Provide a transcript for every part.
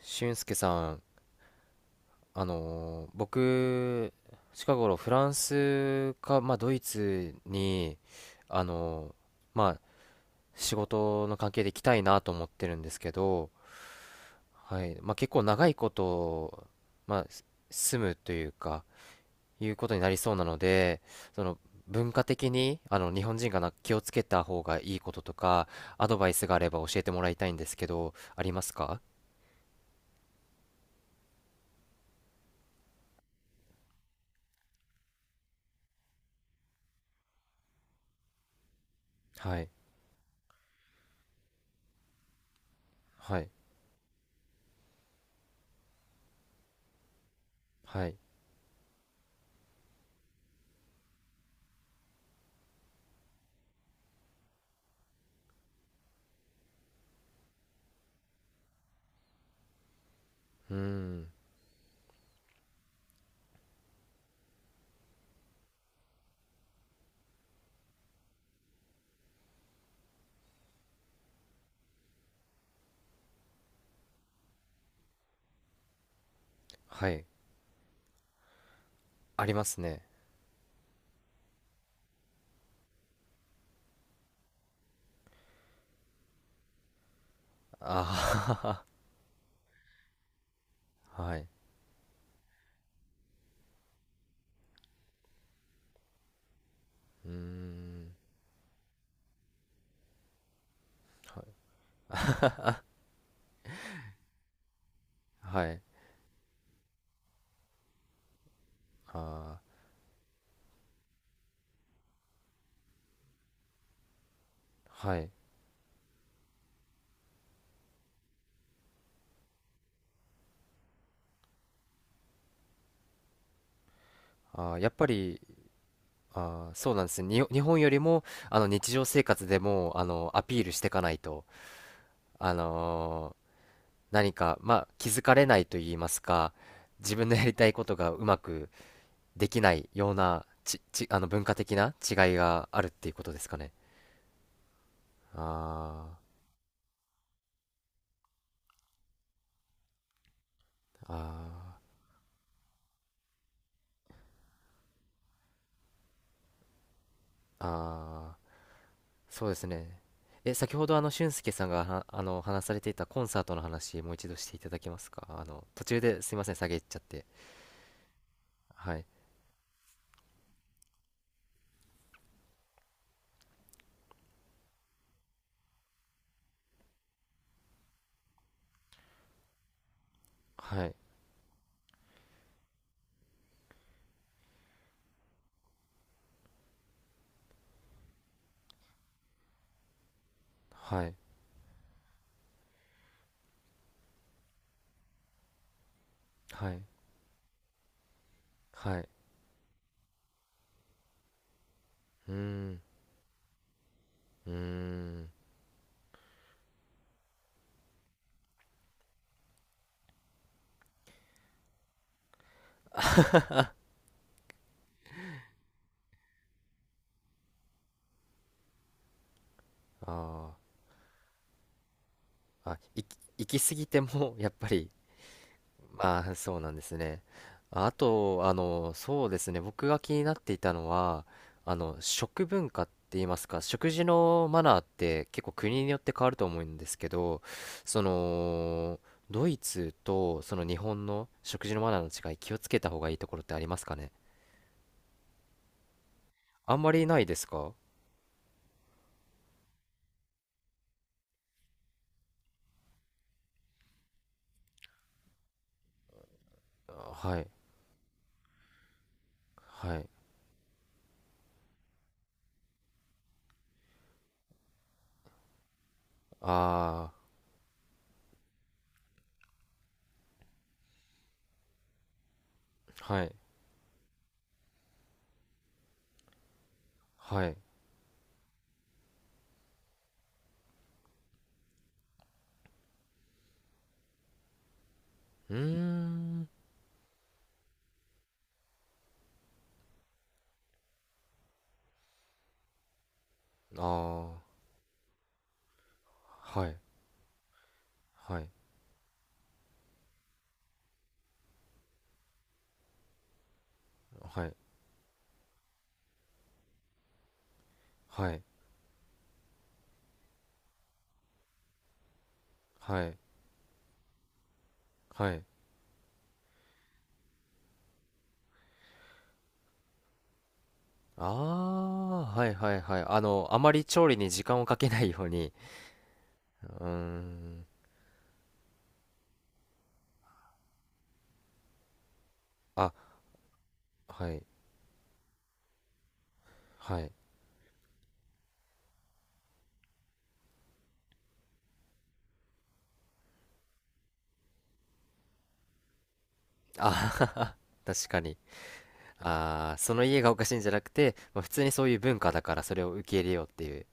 俊介さん、僕、近頃フランスか、まあ、ドイツに、あのーまあ、仕事の関係で行きたいなと思ってるんですけど、はい、まあ、結構長いこと、まあ、住むというか、いうことになりそうなので、その文化的に、あの、日本人が気をつけた方がいいこととか、アドバイスがあれば教えてもらいたいんですけど、ありますか？はい、はい、はい、うーん、はい。ありますね。ああ はい。うーん。は、はい。ああ、はい。ああ、やっぱり、ああ、そうなんですね。日本よりも、あの、日常生活でも、あの、アピールしていかないと、あのー何か、まあ、気づかれないと言いますか、自分のやりたいことがうまくできないような、あの、文化的な違いがあるっていうことですかね。ああ、ああ、ああ。そうですね。え、先ほど、あの、俊介さんがあの話されていたコンサートの話、もう一度していただけますか？あの、途中ですいません、下げっちゃって。はい。はい。はい。はい。はい。うーん。うーん。あー、あ、行き過ぎても、やっぱり、まあ、そうなんですね。あと、あの、そうですね。僕が気になっていたのは、あの、食文化って言いますか、食事のマナーって結構国によって変わると思うんですけど、その、ドイツとその日本の食事のマナーの違い、気をつけた方がいいところってありますかね？あんまりないですか？あ、はい、はい、ああ、はい、はい、うーん、ああ、はい、はい、はい、はい、はい、はい。ああ、はいはいはい。あの、あまり調理に時間をかけないように。うーん。あ、はい。はい。あー、確かに。ああ、その家がおかしいんじゃなくて、まあ、普通にそういう文化だからそれを受け入れようっていう。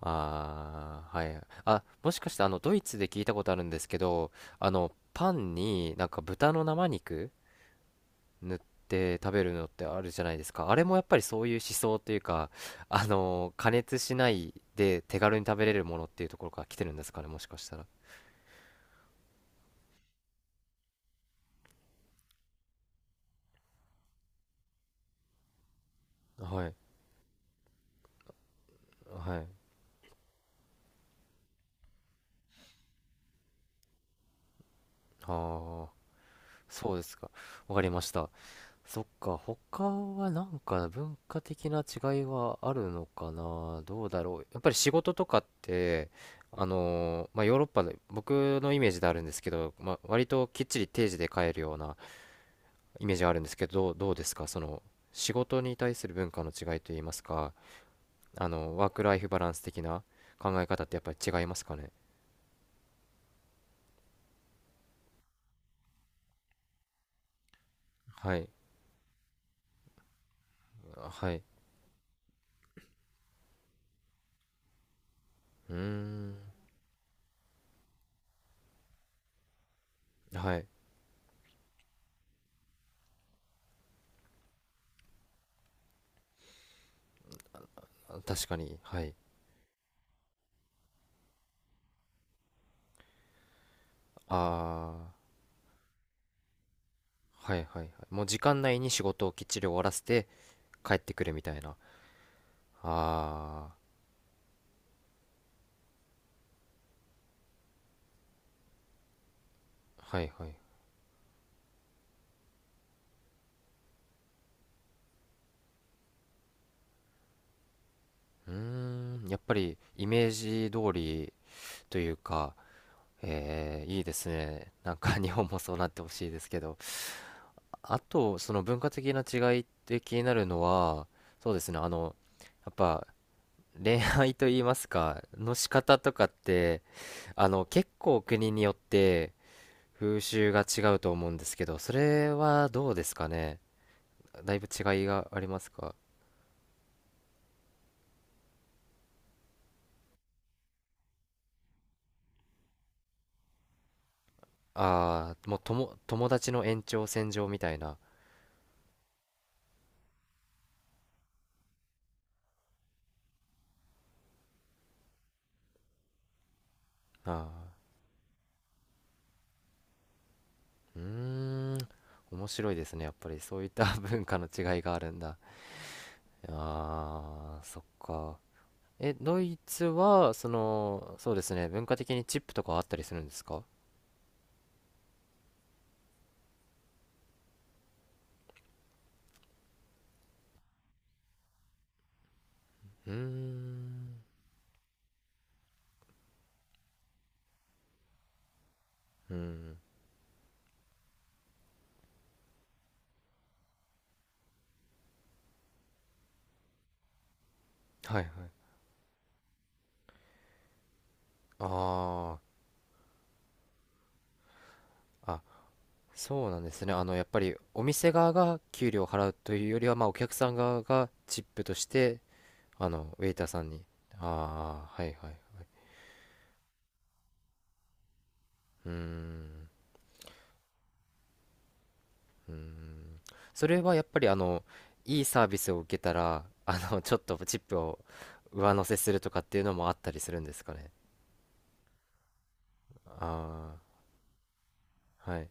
ああ、はい。あ、もしかしてあの、ドイツで聞いたことあるんですけど、あの、パンになんか豚の生肉塗って食べるのってあるじゃないですか。あれもやっぱりそういう思想というか、あの、加熱しないで手軽に食べれるものっていうところから来てるんですかね、もしかしたら。はい、はい。ああ、そうですか。わかりました。そっか、他はなんか文化的な違いはあるのかな、どうだろう。やっぱり仕事とかって、まあ、ヨーロッパで、僕のイメージであるんですけど、まあ、割ときっちり定時で帰るようなイメージがあるんですけど、どうですか、その仕事に対する文化の違いといいますか、あの、ワークライフバランス的な考え方ってやっぱり違いますかね？はい、はい、うーん、はい、確かに、はい、あー、はいはいはい。もう時間内に仕事をきっちり終わらせて帰ってくるみたいな。あー、はいはい。うーん、やっぱりイメージ通りというか、えー、いいですね。なんか日本もそうなってほしいですけど。あと、その文化的な違いって気になるのは、そうですね、あの、やっぱ恋愛と言いますか、の仕方とかって、あの、結構国によって風習が違うと思うんですけど、それはどうですかね。だいぶ違いがありますか？ああ、もうとも、友達の延長線上みたいな。ああ、うーん、面白いですね。やっぱりそういった 文化の違いがあるんだ。ああ、そっか。え、ドイツは、その、そうですね、文化的にチップとかあったりするんですか？うーん、うん、はいはい。ああ、あ、そうなんですね。あの、やっぱりお店側が給料を払うというよりは、まあ、お客さん側がチップとして、あの、ウェイターさんに。ああ、はいはい。うーん、うーん。それはやっぱり、あの、いいサービスを受けたら、あの、ちょっとチップを上乗せするとかっていうのもあったりするんですかね？ああ、はい。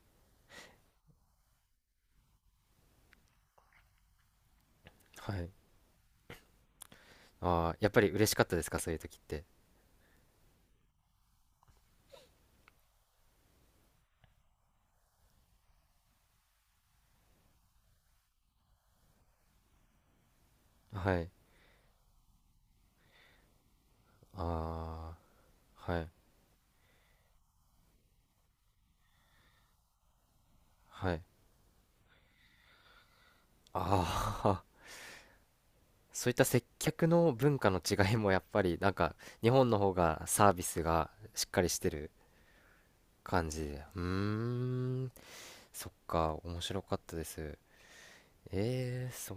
はい。ああ、やっぱり嬉しかったですか、そういう時って。はい。ああ、はい。はい。ああ、そういった接客の文化の違いもやっぱり、なんか、日本の方がサービスがしっかりしてる感じで。うーん、そっか、面白かったです。ええ、そう。